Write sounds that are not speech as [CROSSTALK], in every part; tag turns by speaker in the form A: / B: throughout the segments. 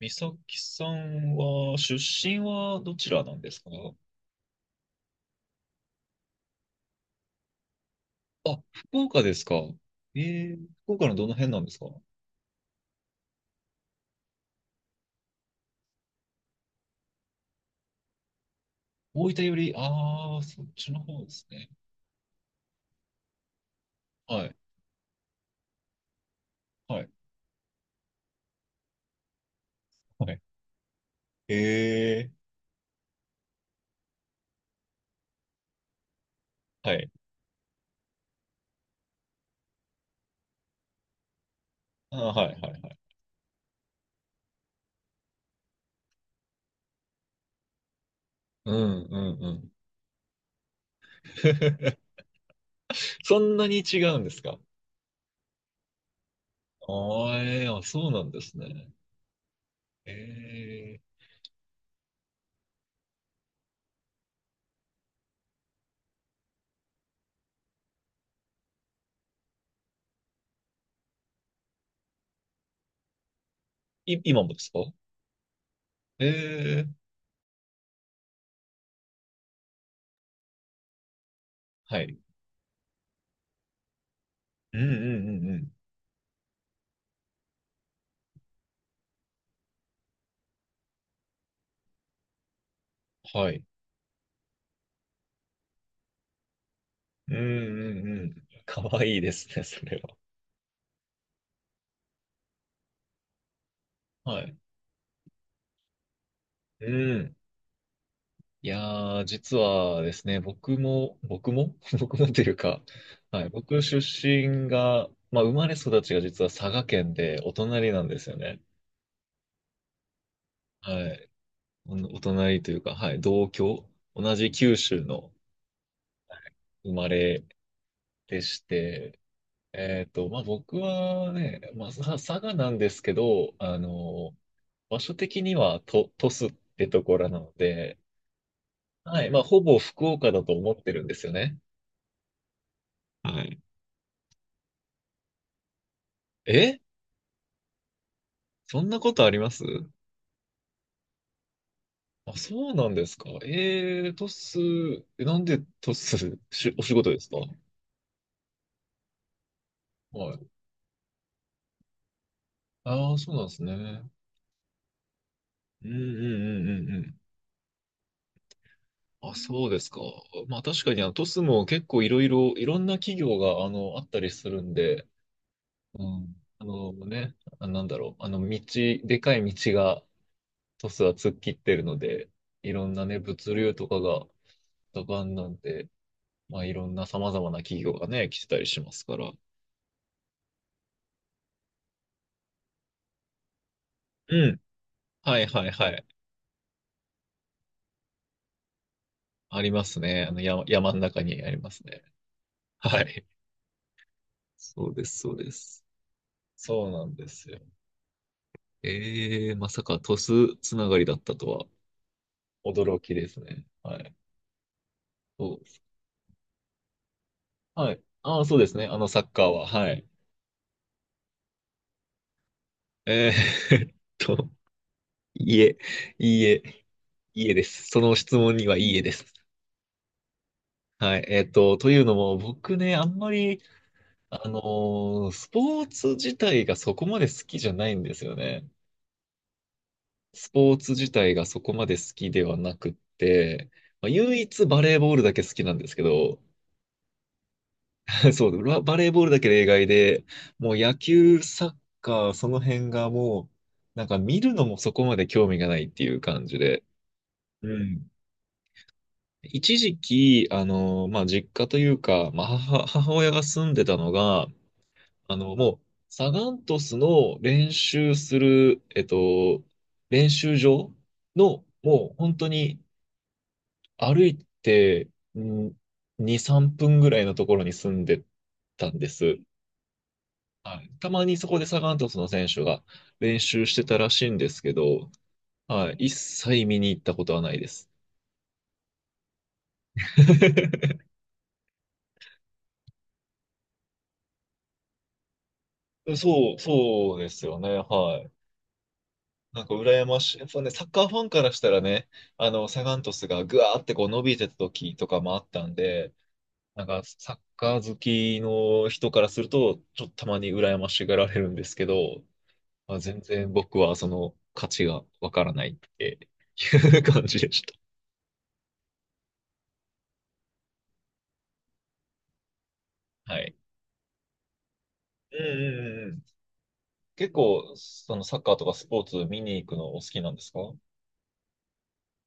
A: 美咲さんは、出身はどちらなんですか？あ、福岡ですか。ええ。福岡のどの辺なんですか？大分より、ああ、そっちの方ですね。はい、はい、はい。ええ。はい。あー、はい、はい、はい。うん、うん、うん。[LAUGHS] そんなに違うんですか？ああ、ええあ、そうなんですね。ええ。今もですか？ええ。はい。うん、うん、うん、うん。はい。うん、うん、うん。かわいいですね、それは。はい。うん。いやー、実はですね、僕も、僕も [LAUGHS] 僕もというか、はい、僕出身が、まあ、生まれ育ちが実は佐賀県でお隣なんですよね。はい。お隣というか、はい、同郷、同じ九州の、はい、生まれでして、まあ、僕はね、まあ、佐賀なんですけど、場所的には鳥栖ってところなので、はい、まあ、ほぼ福岡だと思ってるんですよね。はい。えそんなことあります？あ、そうなんですか。トス。なんでトス、お仕事ですか？はい。ああ、そうなんですね。うんうんうんうんうん。あ、そうですか。まあ確かにトスも結構いろいろ、いろんな企業があったりするんで、うん。あのね、あ、なんだろう、あの道、でかい道がトスは突っ切ってるので、いろんなね、物流とかが盛んなんで、まあいろんな様々な企業がね、来てたりしますから。うん。はいはいはい。ありますね。あの山の中にありますね。はい。[LAUGHS] そうです、そうです。そうなんですよ。ええ。まさか鳥栖つながりだったとは。驚きですね。はい。そうです。はい。ああ、そうですね。あのサッカーは。はい。えー [LAUGHS] えっと、いいえ、いいえ、いいえです。その質問にはいいえです。はい。というのも、僕ね、あんまり、あのスポーツ自体がそこまで好きじゃないんですよね。スポーツ自体がそこまで好きではなくって、まあ、唯一バレーボールだけ好きなんですけど、[LAUGHS] そう、バレーボールだけ例外で、もう野球、サッカー、その辺がもう、なんか見るのもそこまで興味がないっていう感じで、うん。一時期、まあ、実家というか、まあ、母親が住んでたのが、もう、サガン鳥栖の練習する、練習場の、もう本当に、歩いて、ん2、3分ぐらいのところに住んでたんです。はい。たまにそこでサガン鳥栖の選手が練習してたらしいんですけど、はい。一切見に行ったことはないです。[LAUGHS] そう、そうですよね。はい。なんか羨ましい。やっぱね、サッカーファンからしたらね、サガン鳥栖がぐわーってこう伸びてた時とかもあったんで、なんかサッカー好きの人からすると、ちょっとたまに羨ましがられるんですけど、あ、全然僕はその価値がわからないっていう [LAUGHS] 感じでした。はい。うんうんうんうん。結構、そのサッカーとかスポーツ見に行くのお好きなんですか？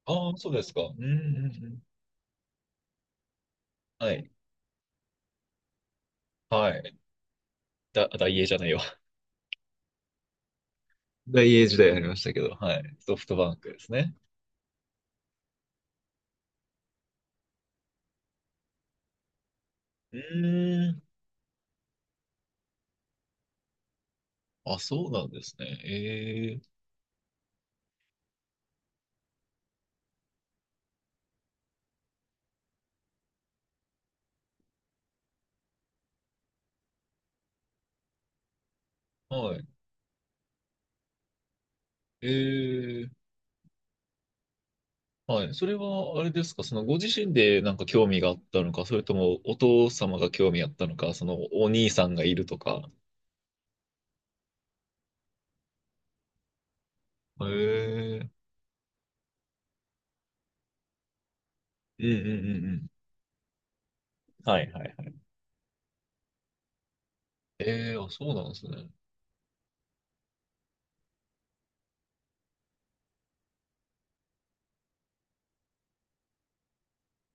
A: ああー、そうですか。うんうんうん。はい。はい。大英じゃないわ。[LAUGHS] 大英時代ありましたけど、はい。ソフトバンクですね。うーん。あ、そうなんですね。ええ。はい。ええ。はい。それは、あれですか、そのご自身でなんか興味があったのか、それともお父様が興味あったのか、そのお兄さんがいるとか。へえ。うんうんうんうん。はいはいはい。ええ、あ、そうなんですね。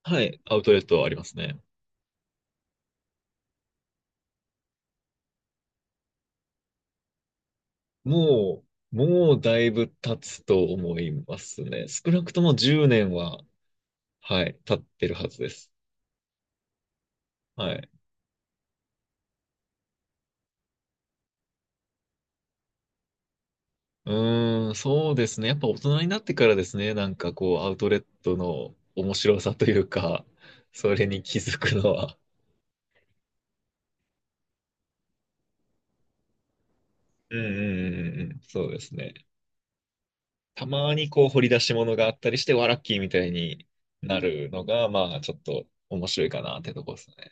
A: はい、アウトレットはありますね。ももうだいぶ経つと思いますね。少なくとも10年は、はい、経ってるはずです。はい。うーん、そうですね。やっぱ大人になってからですね、なんかこう、アウトレットの面白さというか、それに気づくのは。うんうんうんうんうん、そうですね。たまにこう、掘り出し物があったりして、わラッキーみたいになるのが、まあ、ちょっと面白いかなってとこですね。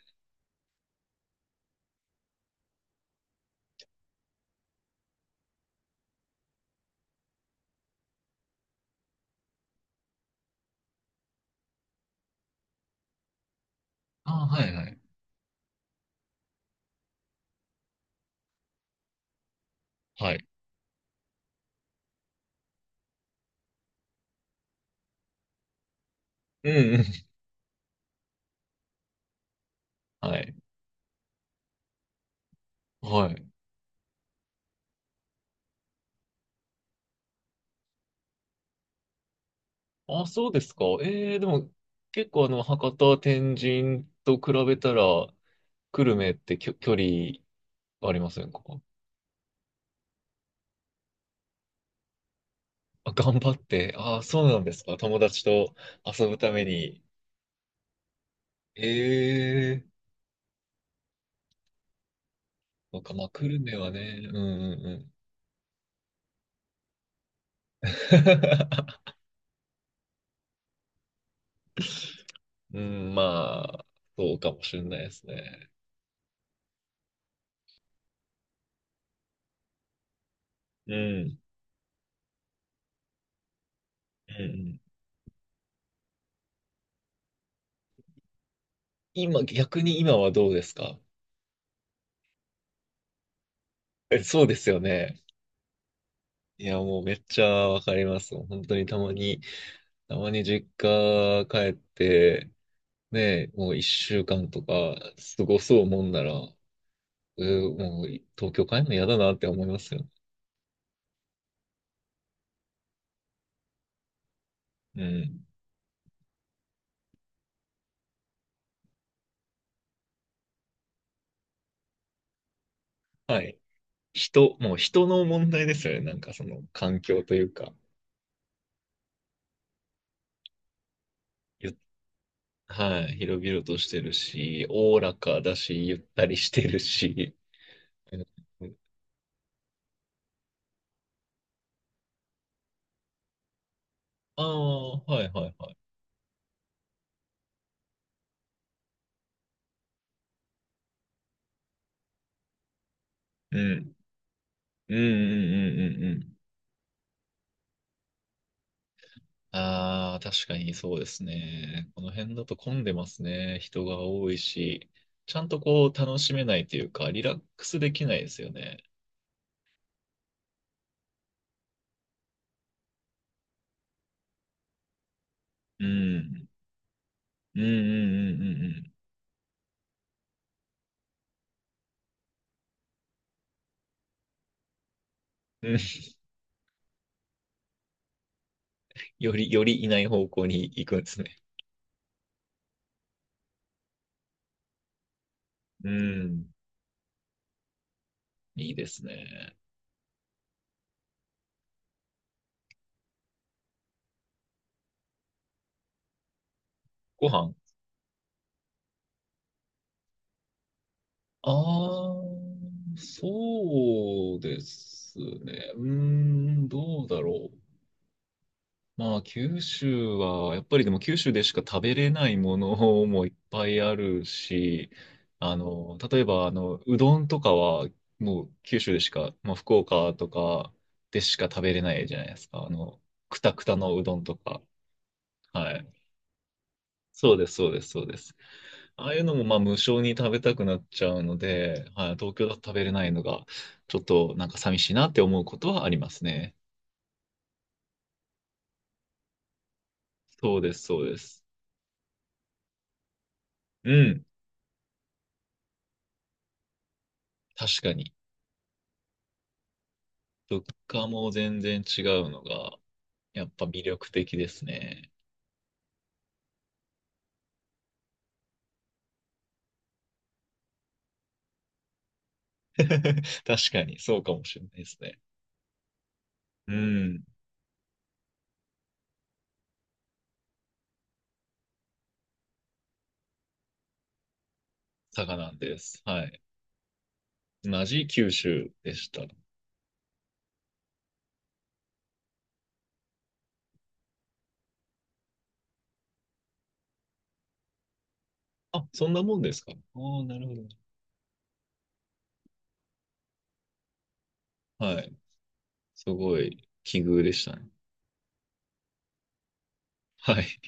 A: ああ、はいはい。はい。うんうん。はい。はい。あ、そうですか。でも、結構博多、天神と比べたら、久留米って距離ありませんか？あ、頑張って。ああ、そうなんですか。友達と遊ぶために。ええ。そうか、まあ、久留米はね、うんうんうん。[LAUGHS] うん、まあ、そうかもしれないですね。うん、うんうん。今、逆に今はどうですか？え、そうですよね。いや、もうめっちゃわかります。本当にたまに実家帰って、ね、もう一週間とか過ごそうもんなら、もう東京帰るの嫌だなって思いますよね？うん。はい。人、もう人の問題ですよね。なんかその環境というか、ゆはい。広々としてるし、おおらかだし、ゆったりしてるし。うん。ああ、はいはいはい。うん。うんうんうんうんうん。ああ、確かにそうですね。この辺だと混んでますね。人が多いし、ちゃんとこう楽しめないというか、リラックスできないですよね。うん。うんうんうんうんうん。うん。よりいない方向に行くんですね。うん。いいですね。ご飯。ああ、そうですね。うーん、どうだろう。まあ、九州は、やっぱりでも九州でしか食べれないものもいっぱいあるし、例えば、うどんとかは、もう九州でしか、まあ、福岡とかでしか食べれないじゃないですか。くたくたのうどんとか。はい。そうです、そうです、そうです。ああいうのもまあ無償に食べたくなっちゃうので、はい、東京だと食べれないのが、ちょっとなんか寂しいなって思うことはありますね。そうです、そうです。うん、確かに。物価も全然違うのが、やっぱ魅力的ですね。[LAUGHS] 確かに、そうかもしれないですね。うん、佐賀なんです。はい。同じ九州でした。あ、そんなもんですか。ああ、なるほど。はい。すごい、奇遇でしたね。はい。